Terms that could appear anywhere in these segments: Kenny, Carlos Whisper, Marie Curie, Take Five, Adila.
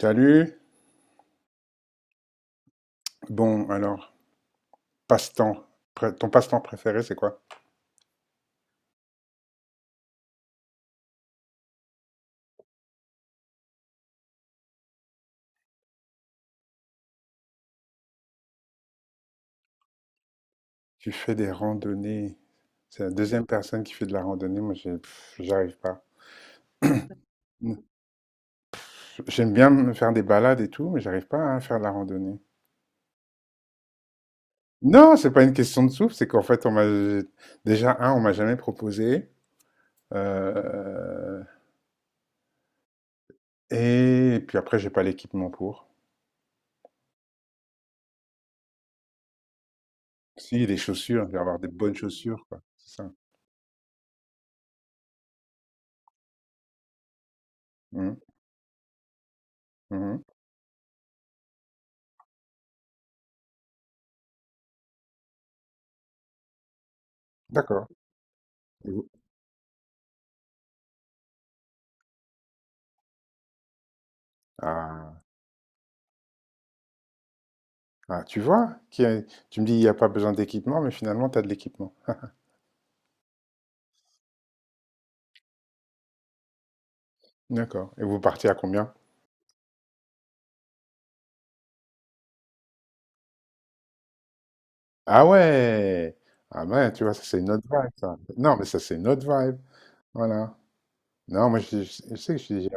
Salut. Bon, alors, passe-temps. Ton passe-temps préféré, c'est quoi? Tu fais des randonnées. C'est la deuxième personne qui fait de la randonnée. Moi, j'arrive pas. Mm. J'aime bien me faire des balades et tout, mais j'arrive pas à faire de la randonnée. Non, c'est pas une question de souffle. C'est qu'en fait, on m'a jamais proposé. euh, Et puis après, j'ai pas l'équipement pour. Si, les chaussures. Je vais avoir des bonnes chaussures, quoi. C'est ça. Mhm, mhm. D'accord. Et vous. Ah. Ah, tu vois, tu me dis il n'y a pas besoin d'équipement, mais finalement, tu as de l'équipement. D'accord. Et vous partez à combien? Ah ouais! Ah ben, tu vois, ça c'est une autre vibe, ça. Non, mais ça c'est une autre vibe. Voilà. Non, moi, je sais que je suis.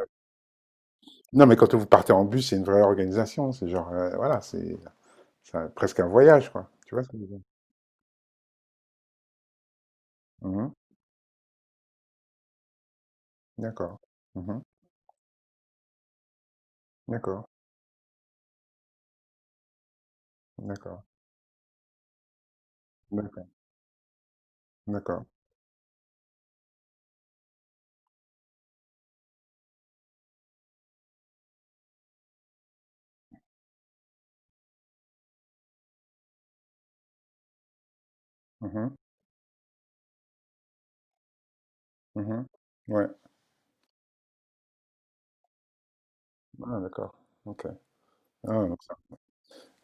Non, mais quand vous partez en bus, c'est une vraie organisation. C'est genre, voilà, presque un voyage, quoi. Tu vois ce que je veux dire? Mhm. D'accord. Mhm. D'accord. D'accord. D'accord. D'accord. Mhm. Mhm. Ouais. Ah, d'accord. Ok. Ah, donc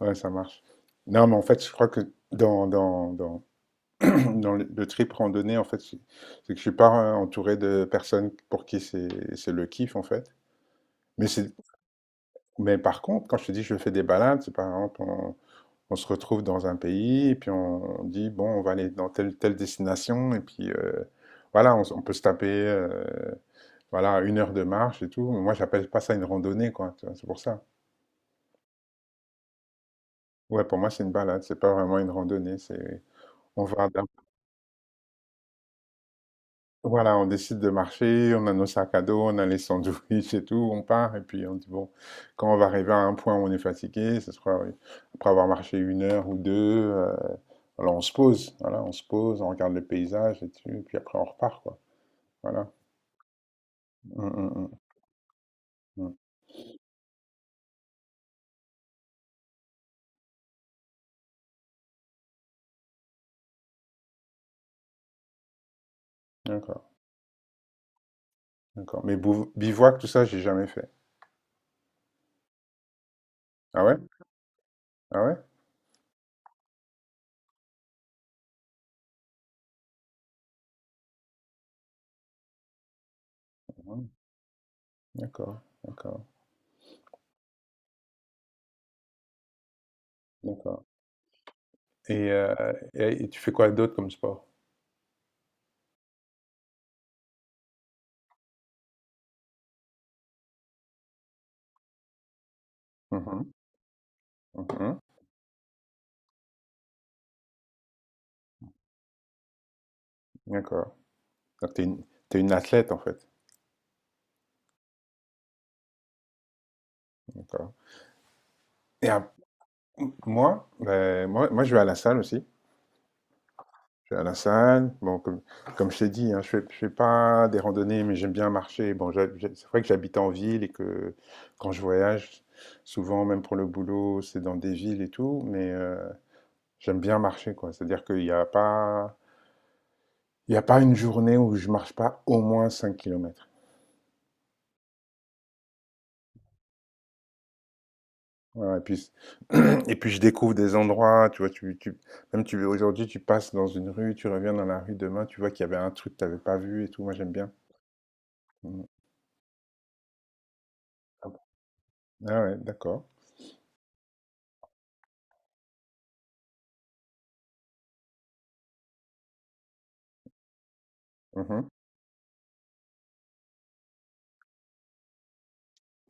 ouais, ça marche. Non, mais en fait, je crois que dans, dans, dans, dans le trip randonnée, en fait, c'est que je suis pas entouré de personnes pour qui c'est le kiff, en fait. Mais, c'est, mais par contre, quand je te dis je fais des balades, c'est par exemple, on se retrouve dans un pays, et puis on dit, bon, on va aller dans telle, telle destination, et puis voilà, on peut se taper voilà, 1 heure de marche et tout. Moi, j'appelle pas ça une randonnée, quoi, tu vois, c'est pour ça. Ouais, pour moi, c'est une balade, c'est pas vraiment une randonnée, c'est on va voilà, on décide de marcher, on a nos sacs à dos, on a les sandwichs et tout, on part, et puis on dit, bon, quand on va arriver à un point où on est fatigué, ce sera oui, après avoir marché 1 heure ou 2, euh, alors on se pose, voilà, on se pose, on regarde le paysage et tout, et puis après on repart, quoi. Voilà. Hum, hum, hum, hum. D'accord, d'accord. Mais bivouac, tout ça, j'ai jamais fait. Ah ouais? Ah ouais? Hum. D'accord, d'accord, d'accord. Et, et tu fais quoi d'autre comme sport? Mhm, mhm. D'accord. Donc, t'es une athlète, en fait. D'accord. Et à- Moi, ben, je vais à la salle aussi. Je vais à la salle. Bon, comme je t'ai dit, hein, je fais pas des randonnées, mais j'aime bien marcher. Bon, c'est vrai que j'habite en ville et que quand je voyage, souvent, même pour le boulot, c'est dans des villes et tout, mais j'aime bien marcher, quoi. C'est-à-dire qu'il n'y a pas, il y a pas une journée où je marche pas au moins 5 kilomètres. Ouais, et puis je découvre des endroits, tu vois, aujourd'hui, tu passes dans une rue, tu reviens dans la rue demain, tu vois qu'il y avait un truc que tu n'avais pas vu et tout, moi j'aime bien. Mhm. Ah bon? Ah ouais, d'accord. Mhm.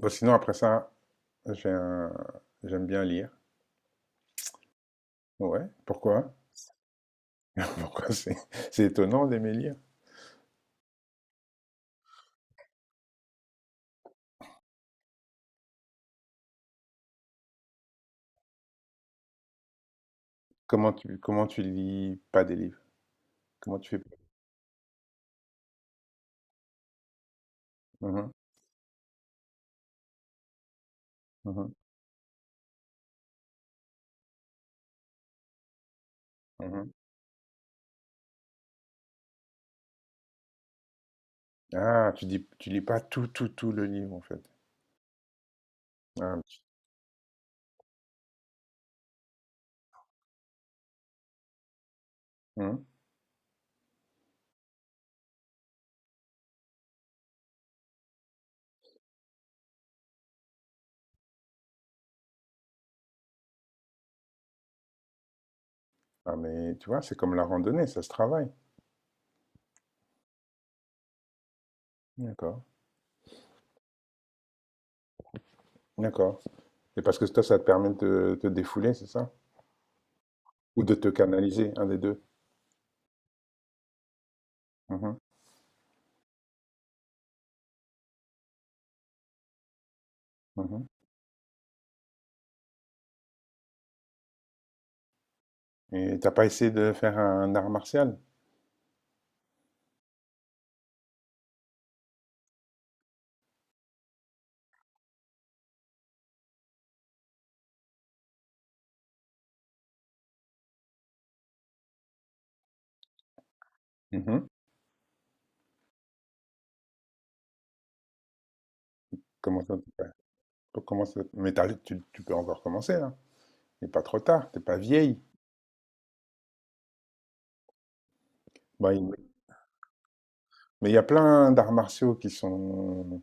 Bon, sinon, après ça, j'ai un... j'aime bien lire. Ouais, pourquoi? Pourquoi c'est étonnant d'aimer lire? Comment tu lis pas des livres? Comment tu fais? Mhm, mhm, mhm. Ah, tu dis, tu lis pas tout, tout, tout le livre, en fait. Ah, mhm. Ah, mais tu vois, c'est comme la randonnée, ça se travaille. D'accord, d'accord. Et parce que toi, ça te permet de te défouler, c'est ça? Ou de te canaliser, un des deux. Mhm, mhm. Et t'as pas essayé de faire un art martial? Mhm. Comment ça, t'es pas- comment ça- mais t'as- tu peux encore commencer, hein. Il n'est pas trop tard, t'es pas vieille. Bah, mais il y a plein d'arts martiaux qui sont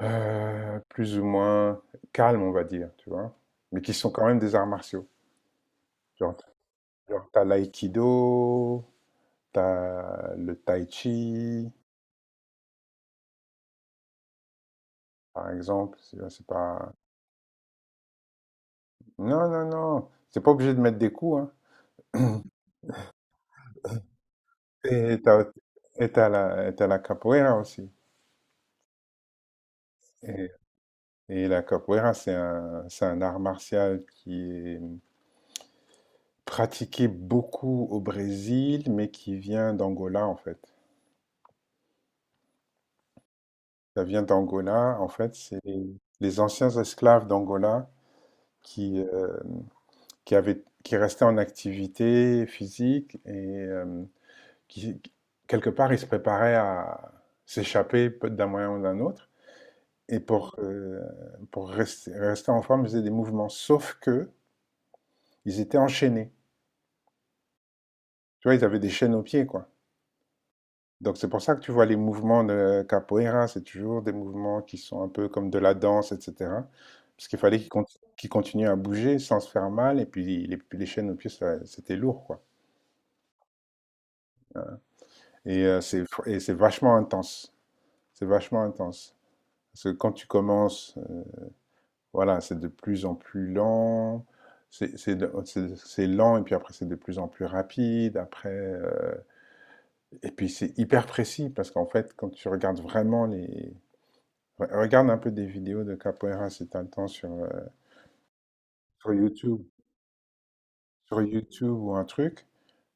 Plus ou moins calmes, on va dire, tu vois? Mais qui sont quand même des arts martiaux. Genre genre, tu l'aïkido, t'as le tai chi, par exemple, c'est pas non, non, non, c'est pas obligé de mettre des coups, hein. Et t'as, et t'as la et tu la capoeira aussi et et la capoeira, c'est un art martial qui est pratiqué beaucoup au Brésil, mais qui vient d'Angola, en fait. Ça vient d'Angola. En fait, c'est les anciens esclaves d'Angola qui, euh, qui avaient, qui restaient en activité physique et qui, quelque part, ils se préparaient à s'échapper d'un moyen ou d'un autre. Et pour rester en forme, ils faisaient des mouvements. Sauf que ils étaient enchaînés. Tu vois, ils avaient des chaînes aux pieds, quoi. Donc c'est pour ça que tu vois les mouvements de capoeira, c'est toujours des mouvements qui sont un peu comme de la danse, etc. Parce qu'il fallait qu'ils continuent à bouger sans se faire mal, et puis les chaînes aux pieds, c'était lourd, quoi. Et c'est vachement intense. C'est vachement intense. Parce que quand tu commences, voilà, c'est de plus en plus lent. C'est lent, et puis après c'est de plus en plus rapide. Après, et puis c'est hyper précis, parce qu'en fait, quand tu regardes vraiment Regarde un peu des vidéos de capoeira si t'as le temps sur YouTube, sur YouTube, ou un truc.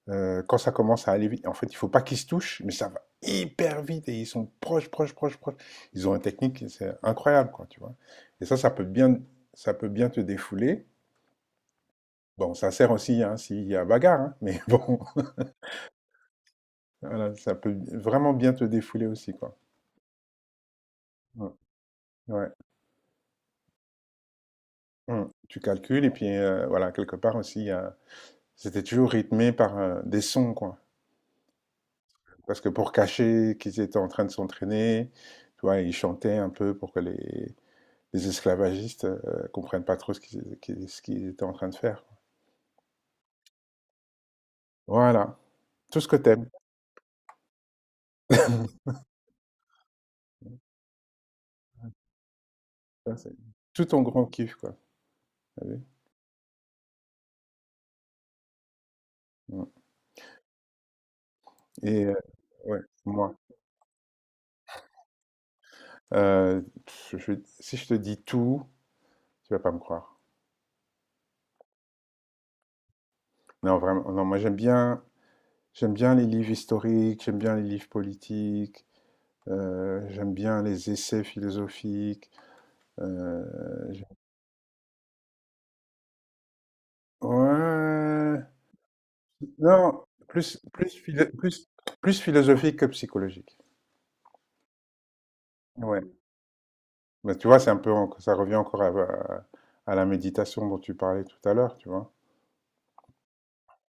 Quand ça commence à aller vite, en fait, il faut pas qu'ils se touchent, mais ça va hyper vite et ils sont proches, proches, proches, proches. Ils ont une technique, c'est incroyable, quoi, tu vois. Et ça, ça peut bien te défouler. Bon, ça sert aussi hein, s'il y a bagarre, hein, mais bon, voilà, ça peut vraiment bien te défouler aussi, quoi. Mm. Ouais. Mm. Tu calcules et puis voilà, quelque part aussi, c'était toujours rythmé par des sons, quoi. Parce que pour cacher qu'ils étaient en train de s'entraîner, tu vois, ils chantaient un peu pour que les esclavagistes comprennent pas trop ce qu'ils étaient en train de faire, quoi. Voilà. Tout ce que t'aimes. Ça, c'est tout ton grand kiff, quoi. T'as vu? Mm. Et ouais, moi. Euh, je- je- si je te dis tout, tu vas pas me croire. Non, vraiment. Non, moi j'aime bien les livres historiques, j'aime bien les livres politiques, j'aime bien les essais philosophiques. euh, j'aime- Ouais, non, plus philosophique que psychologique. Ouais. Bah, tu vois, c'est un peu, ça revient encore à, à la méditation dont tu parlais tout à l'heure, tu vois.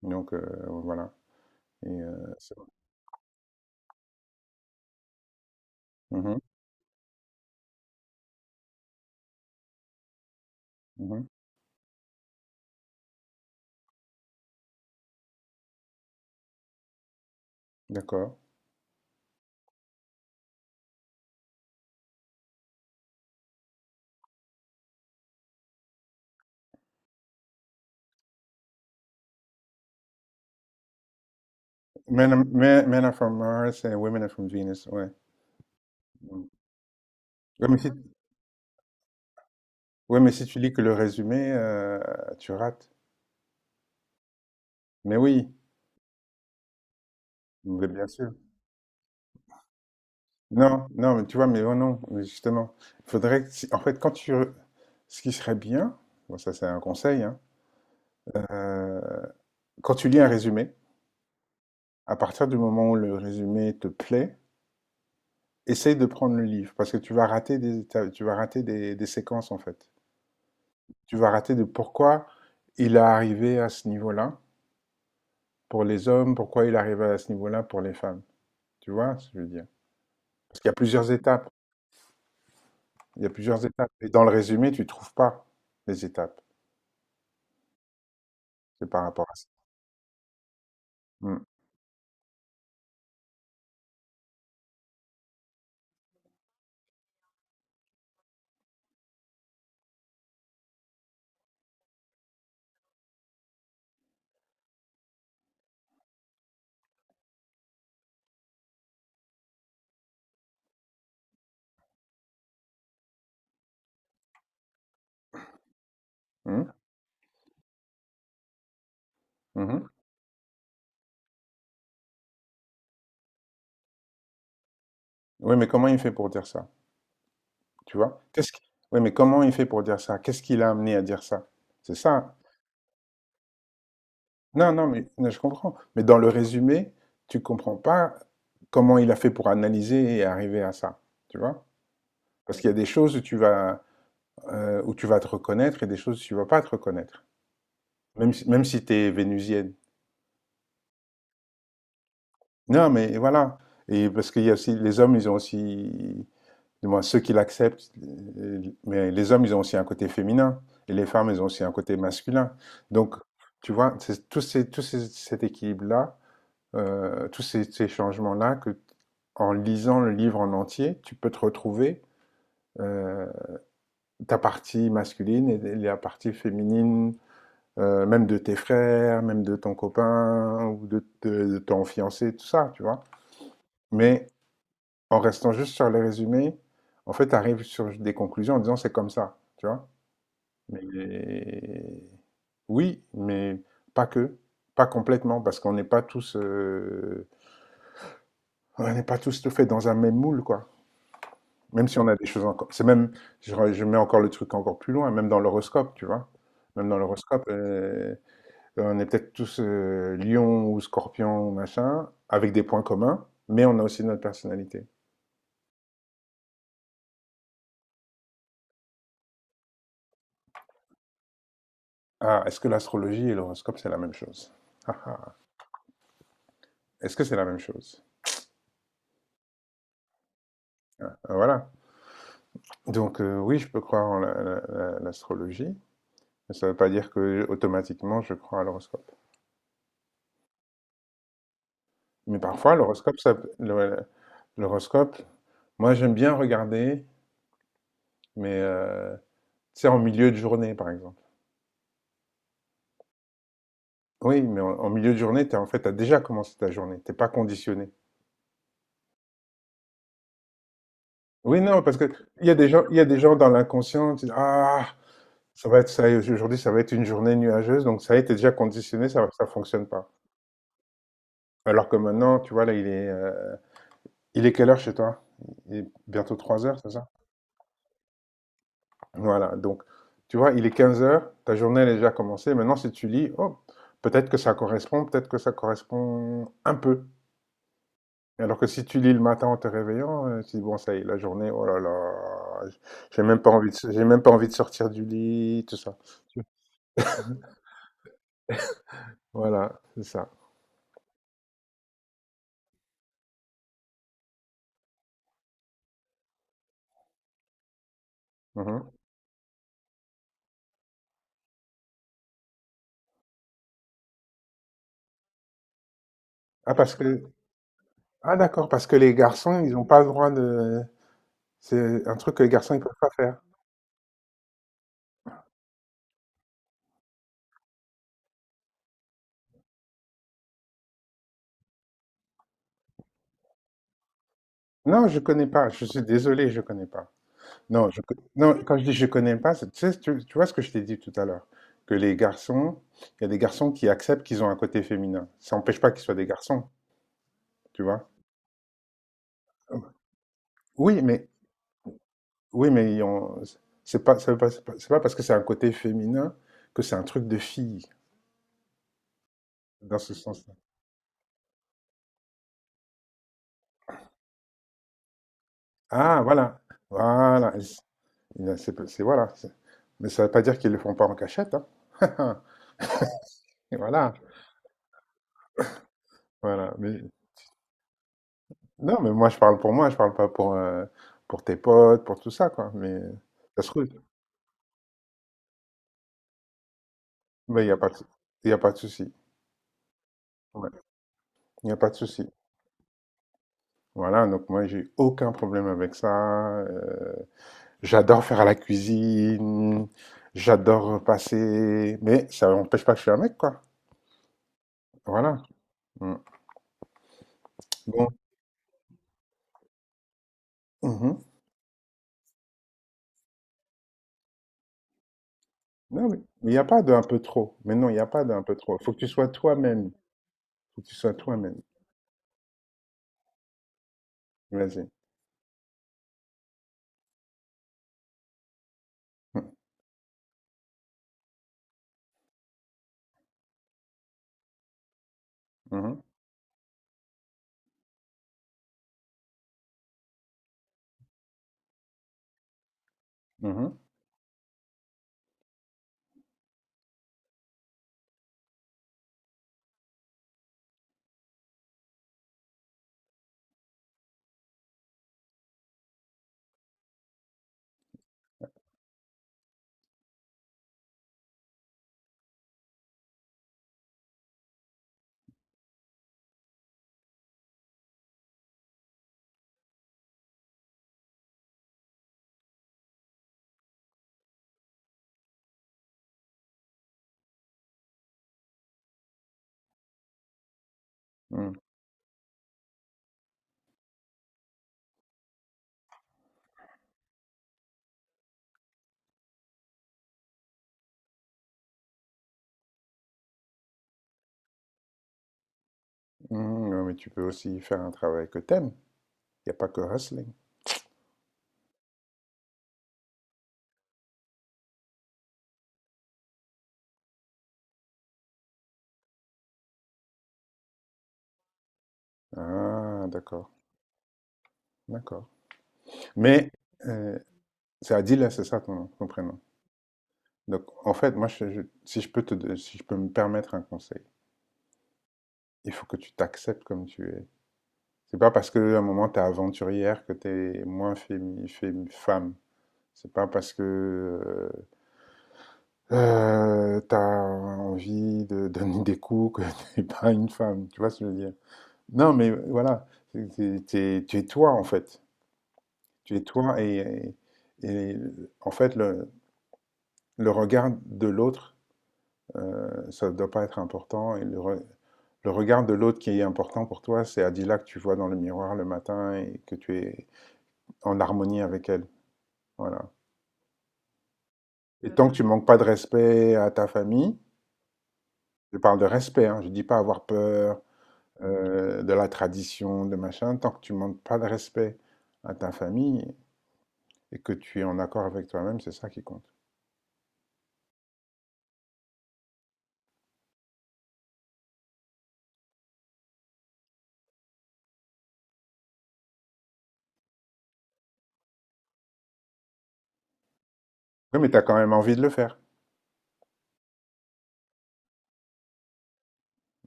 Donc, voilà. Et, euh, c'est- Mhm, mhm, d'accord. Men are from Mars and women are from Venus, ouais. Mm. Ouais, mais si, ouais, mais si tu lis que le résumé, tu rates. Mais oui, mais bien sûr. Non, non, mais tu vois, mais non, non, mais justement, il faudrait que, si- en fait, ce qui serait bien, bon, ça c'est un conseil, hein, euh, quand tu lis un résumé, à partir du moment où le résumé te plaît, essaye de prendre le livre, parce que tu vas rater des étapes, tu vas rater des séquences, en fait. Tu vas rater de pourquoi il est arrivé à ce niveau-là pour les hommes, pourquoi il est arrivé à ce niveau-là pour les femmes. Tu vois ce que je veux dire? Parce qu'il y a plusieurs étapes, il y a plusieurs étapes, et dans le résumé, tu trouves pas les étapes, c'est par rapport à ça. Mmh. Mhm, mhm. Oui, mais comment il fait pour dire ça? Tu vois? Oui, mais comment il fait pour dire ça? Qu'est-ce qui l'a amené à dire ça? C'est ça. Non, non, mais je comprends. Mais dans le résumé, tu comprends pas comment il a fait pour analyser et arriver à ça. Tu vois? Parce qu'il y a des choses où tu vas te reconnaître et des choses où tu vas pas te reconnaître. Même si tu es vénusienne. Non, mais voilà. Et parce qu'il y a aussi, les hommes, ils ont aussi du moins ceux qui l'acceptent, mais les hommes, ils ont aussi un côté féminin, et les femmes, elles ont aussi un côté masculin. Donc, tu vois, c'est cet équilibre-là, tous ces changements-là, que, en lisant le livre en entier, tu peux te retrouver euh, ta partie masculine et la partie féminine, même de tes frères, même de ton copain ou de ton fiancé, tout ça, tu vois. Mais en restant juste sur les résumés, en fait, tu arrives sur des conclusions en disant c'est comme ça, tu vois. Mais oui, mais pas que, pas complètement, parce qu'on n'est pas tous, on n'est pas tous tout fait dans un même moule, quoi. Même si on a des choses encore, c'est même, je mets encore le truc encore plus loin, même dans l'horoscope, tu vois, même dans l'horoscope, on est peut-être tous lion ou scorpion ou machin, avec des points communs, mais on a aussi notre personnalité. Ah, est-ce que l'astrologie et l'horoscope c'est la même chose? Ah, ah. Est-ce que c'est la même chose? Ah, voilà. Donc oui, je peux croire en la l'astrologie, mais ça ne veut pas dire que, automatiquement, je crois à l'horoscope. Mais parfois, l'horoscope, ça peut le l'horoscope, moi, j'aime bien regarder, mais tu sais, en milieu de journée, par exemple. Oui, mais en milieu de journée, t'as déjà commencé ta journée, t'es pas conditionné. Oui, non, parce que il y a des gens dans l'inconscient, tu dis: «Ah, ça va être ça, aujourd'hui, ça va être une journée nuageuse», donc ça y est, tu déjà conditionné, ça fonctionne pas. Alors que maintenant, tu vois, là, Il est quelle heure chez toi? Il est bientôt 3 heures, c'est ça? Voilà, donc tu vois, il est 15 heures, ta journée elle est déjà commencée. Maintenant, si tu lis, oh, peut-être que ça correspond un peu. Alors que si tu lis le matin en te réveillant, tu dis, bon, ça y est, la journée, oh là là, j'ai même pas envie de sortir du lit, tout ça. Voilà, c'est ça. Mhm. Ah, parce que, ah d'accord, parce que les garçons, ils n'ont pas le droit de, c'est un truc que les garçons, ils peuvent pas faire. Non, je connais pas, je suis désolé, je connais pas. Non, non, quand je dis je connais pas, c'est- tu sais, tu vois ce que je t'ai dit tout à l'heure, que les garçons, il y a des garçons qui acceptent qu'ils ont un côté féminin. Ça n'empêche pas qu'ils soient des garçons, tu vois. Oui, mais oui, mais c'est pas, ça veut pas, c'est pas parce que c'est un côté féminin que c'est un truc de fille dans ce sens-là. Ah, voilà, voilà, voilà. c'est- Mais ça ne veut pas dire qu'ils le font pas en cachette, hein. Et voilà, voilà. Mais non, mais moi, je parle pour moi, je parle pas pour, pour tes potes, pour tout ça, quoi. Mais ça se trouve, mais il y a pas de souci. Ouais. Il n'y a pas de souci. Voilà, donc moi, j'ai aucun problème avec ça. Euh, j'adore faire la cuisine, j'adore passer, mais ça n'empêche pas que je suis un mec, quoi. Voilà. Mm. Bon. Mhm. Non, mais il n'y a pas de un peu trop. Mais non, il n'y a pas de un peu trop. Faut que tu sois toi-même. Faut que tu sois toi-même. Vas-y. Mhm. Mhm. Mhm. Mmh, ouais, mais tu peux aussi faire un travail que t'aimes. Il n'y a pas que wrestling. Ah, d'accord, d'accord. Mais euh, c'est Adila, c'est ça ton, ton prénom. Donc, en fait, moi, si je peux te, si je peux me permettre un conseil, il faut que tu t'acceptes comme tu es. C'est pas parce que à un moment t'es aventurière que t'es moins femme. C'est pas parce que tu t'as envie de donner des coups que t'es pas une femme. Tu vois ce que je veux dire? Non, mais voilà, tu es toi en fait. Tu es toi et, en fait le regard de l'autre, ça ne doit pas être important. Et le regard de l'autre qui est important pour toi, c'est Adila que tu vois dans le miroir le matin et que tu es en harmonie avec elle. Voilà. Et tant que tu manques pas de respect à ta famille, je parle de respect, hein, je dis pas avoir peur de la tradition, de machin, tant que tu manques pas de respect à ta famille, et que tu es en accord avec toi-même, c'est ça qui compte. Oui, mais tu as quand même envie de le faire.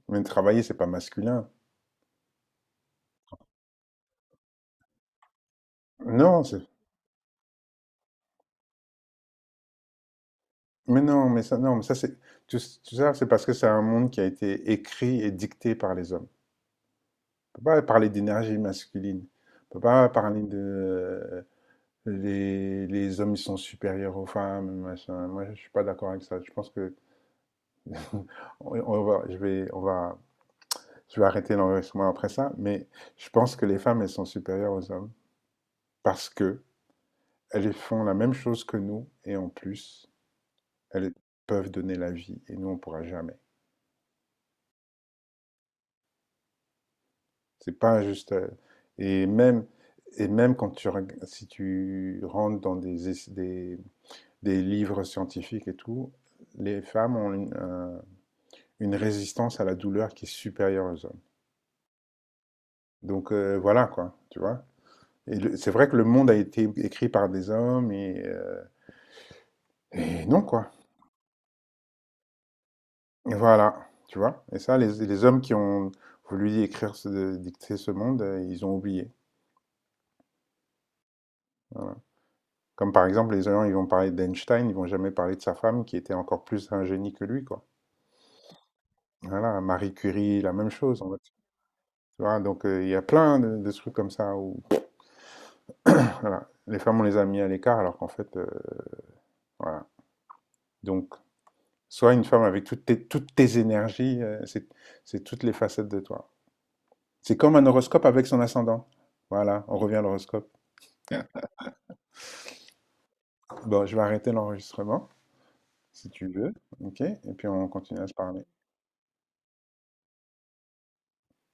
Mais travailler, c'est pas masculin. Non, c'est... mais non, non, mais ça, c'est. Tout, tout ça, c'est parce que c'est un monde qui a été écrit et dicté par les hommes. On peut pas parler d'énergie masculine. On peut pas parler de. Les hommes, ils sont supérieurs aux femmes, machin. Moi, je suis pas d'accord avec ça. Je pense que. on on va, je vais arrêter l'enregistrement après ça, mais je pense que les femmes, elles sont supérieures aux hommes parce que elles font la même chose que nous et en plus, elles peuvent donner la vie et nous, on ne pourra jamais. C'est pas juste. Et même, et même quand tu, si tu rentres dans des livres scientifiques et tout, les femmes ont une résistance à la douleur qui est supérieure aux hommes. Donc voilà quoi, tu vois. Et c'est vrai que le monde a été écrit par des hommes et non quoi. Voilà, tu vois? Et ça, les hommes qui ont voulu écrire, dicter ce monde, ils ont oublié. Voilà. Comme par exemple, les gens, ils vont parler d'Einstein, ils vont jamais parler de sa femme qui était encore plus un génie que lui, quoi. Voilà, Marie Curie, la même chose, en fait. Tu vois, donc il y a plein de trucs comme ça où voilà, les femmes, on les a mis à l'écart alors qu'en fait, voilà. Donc, sois une femme avec toutes tes énergies, c'est toutes les facettes de toi. C'est comme un horoscope avec son ascendant. Voilà, on revient à l'horoscope. Bon, je vais arrêter l'enregistrement, si tu veux, ok? Et puis on continue à se parler.